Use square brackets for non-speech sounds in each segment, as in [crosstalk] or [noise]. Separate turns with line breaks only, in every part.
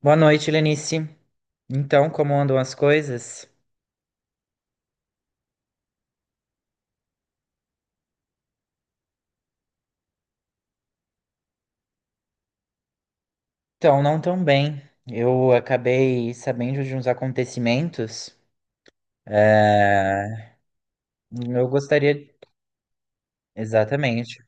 Boa noite, Lenice. Então, como andam as coisas? Então, não tão bem. Eu acabei sabendo de uns acontecimentos. É, Eu gostaria. Exatamente.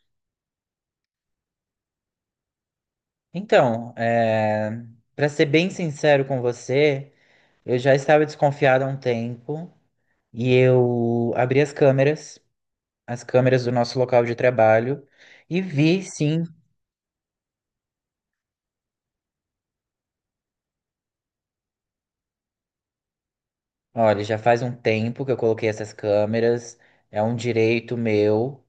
Então, é... Para ser bem sincero com você, eu já estava desconfiado há um tempo e eu abri as câmeras do nosso local de trabalho, e vi sim. Olha, já faz um tempo que eu coloquei essas câmeras, é um direito meu.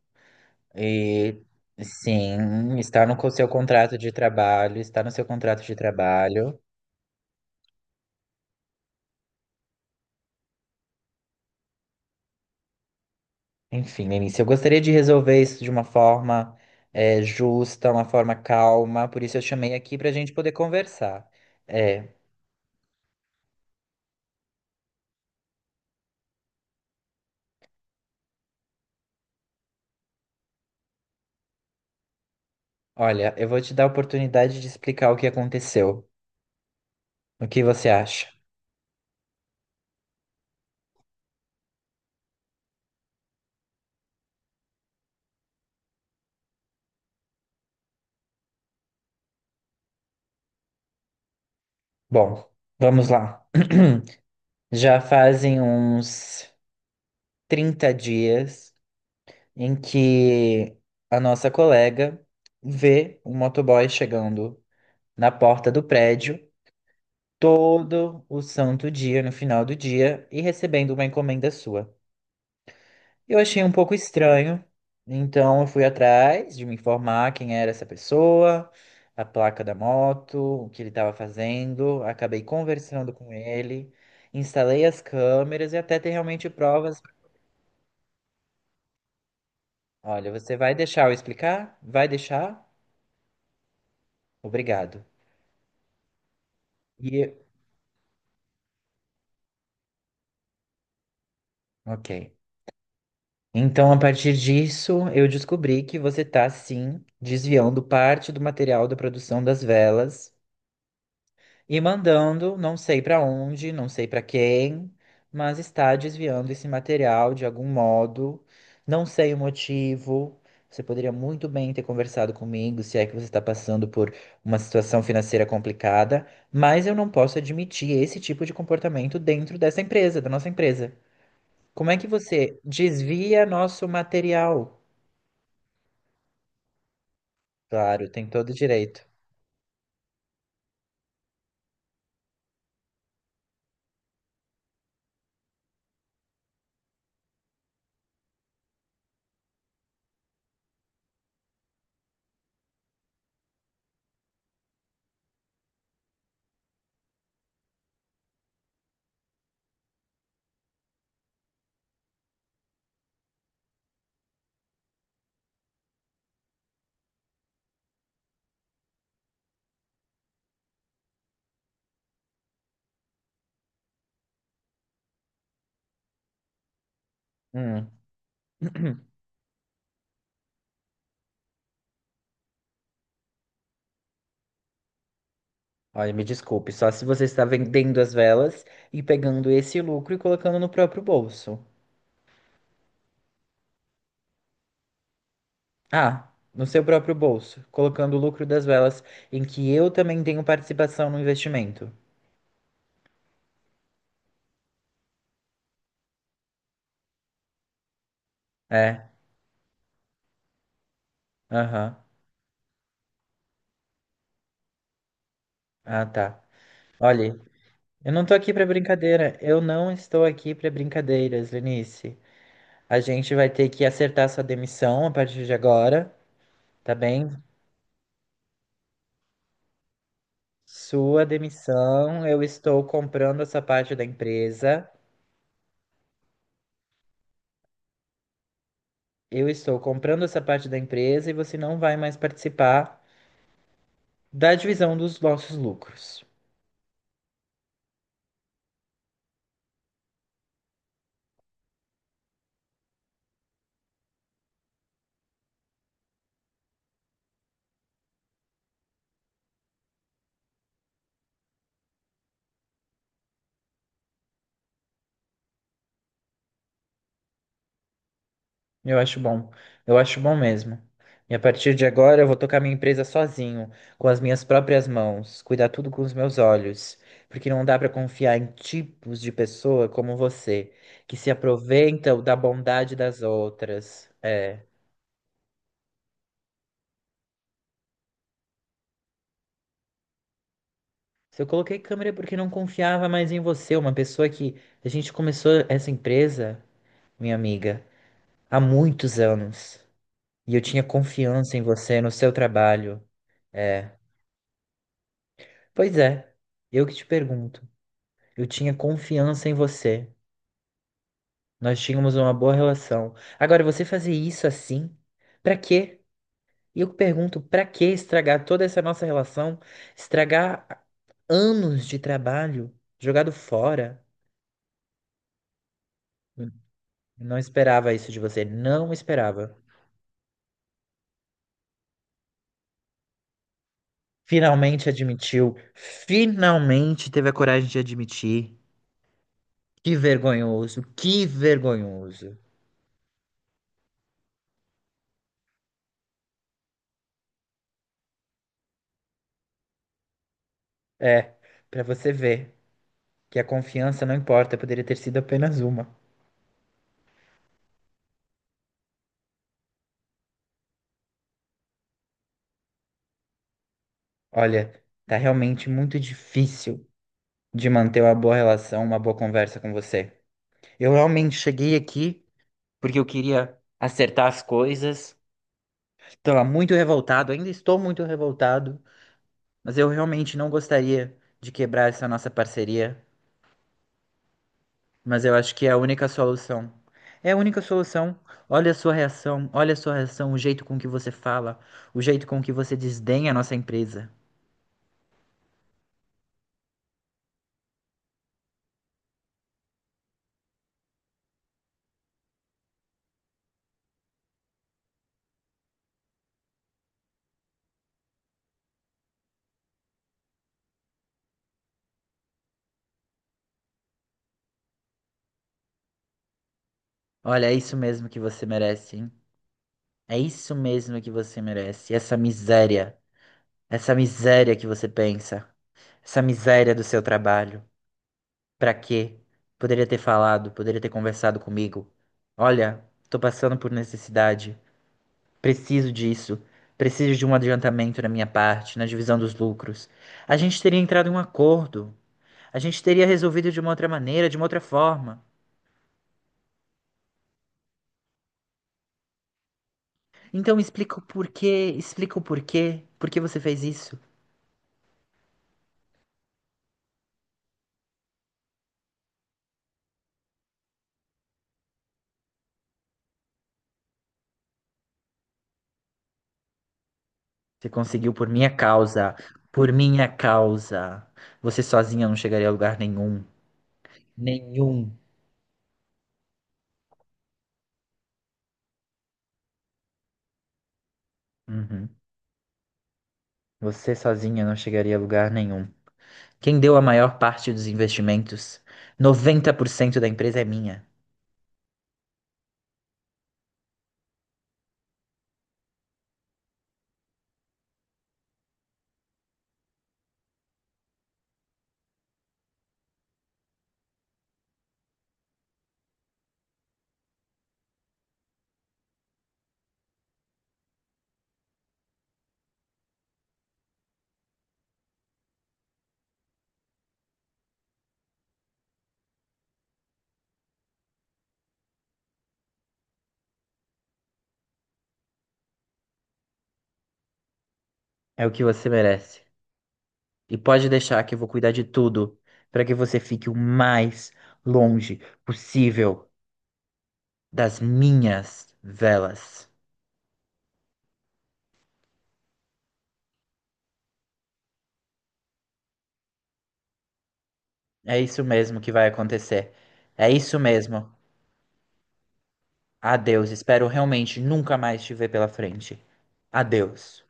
E sim, está no seu contrato de trabalho, está no seu contrato de trabalho. Enfim, Lenice, eu gostaria de resolver isso de uma forma justa, uma forma calma, por isso eu chamei aqui para a gente poder conversar. É, olha, eu vou te dar a oportunidade de explicar o que aconteceu. O que você acha? Bom, vamos lá. [clears throat] Já fazem uns 30 dias em que a nossa colega vê um motoboy chegando na porta do prédio todo o santo dia, no final do dia, e recebendo uma encomenda sua. Eu achei um pouco estranho, então eu fui atrás de me informar quem era essa pessoa, a placa da moto, o que ele estava fazendo, acabei conversando com ele, instalei as câmeras e até ter realmente provas. Olha, você vai deixar eu explicar? Vai deixar? Obrigado. E, ok. Então, a partir disso, eu descobri que você está, sim, desviando parte do material da produção das velas e mandando, não sei para onde, não sei para quem, mas está desviando esse material de algum modo. Não sei o motivo. Você poderia muito bem ter conversado comigo se é que você está passando por uma situação financeira complicada, mas eu não posso admitir esse tipo de comportamento dentro dessa empresa, da nossa empresa. Como é que você desvia nosso material? Claro, tem todo o direito. Hum. [clears throat] Olha, me desculpe, só se você está vendendo as velas e pegando esse lucro e colocando no próprio bolso. Ah, no seu próprio bolso, colocando o lucro das velas em que eu também tenho participação no investimento. É, aham. Ah, tá. Olha, eu não tô aqui pra brincadeira. Eu não estou aqui pra brincadeiras, Lenice. A gente vai ter que acertar sua demissão a partir de agora, tá bem? Sua demissão, eu estou comprando essa parte da empresa. Eu estou comprando essa parte da empresa e você não vai mais participar da divisão dos nossos lucros. Eu acho bom. Eu acho bom mesmo. E a partir de agora eu vou tocar minha empresa sozinho, com as minhas próprias mãos, cuidar tudo com os meus olhos, porque não dá para confiar em tipos de pessoa como você, que se aproveitam da bondade das outras. É. Se eu coloquei câmera é porque não confiava mais em você, uma pessoa que a gente começou essa empresa, minha amiga, há muitos anos. E eu tinha confiança em você, no seu trabalho. É. Pois é, eu que te pergunto. Eu tinha confiança em você. Nós tínhamos uma boa relação. Agora, você fazer isso assim? Pra quê? E eu pergunto, pra que estragar toda essa nossa relação? Estragar anos de trabalho jogado fora? Não esperava isso de você, não esperava. Finalmente admitiu, finalmente teve a coragem de admitir. Que vergonhoso, que vergonhoso. É, pra você ver que a confiança não importa, poderia ter sido apenas uma. Olha, tá realmente muito difícil de manter uma boa relação, uma boa conversa com você. Eu realmente cheguei aqui porque eu queria acertar as coisas. Estava muito revoltado, ainda estou muito revoltado. Mas eu realmente não gostaria de quebrar essa nossa parceria, mas eu acho que é a única solução. É a única solução. Olha a sua reação, olha a sua reação, o jeito com que você fala, o jeito com que você desdenha a nossa empresa. Olha, é isso mesmo que você merece, hein? É isso mesmo que você merece. Essa miséria que você pensa, essa miséria do seu trabalho. Pra quê? Poderia ter falado, poderia ter conversado comigo. Olha, tô passando por necessidade. Preciso disso. Preciso de um adiantamento na minha parte, na divisão dos lucros. A gente teria entrado em um acordo. A gente teria resolvido de uma outra maneira, de uma outra forma. Então me explica o porquê, explica o porquê. Por que você fez isso? Você conseguiu por minha causa. Por minha causa. Você sozinha não chegaria a lugar nenhum. Nenhum. Uhum. Você sozinha não chegaria a lugar nenhum. Quem deu a maior parte dos investimentos? 90% da empresa é minha. É o que você merece. E pode deixar que eu vou cuidar de tudo para que você fique o mais longe possível das minhas velas. É isso mesmo que vai acontecer. É isso mesmo. Adeus. Espero realmente nunca mais te ver pela frente. Adeus.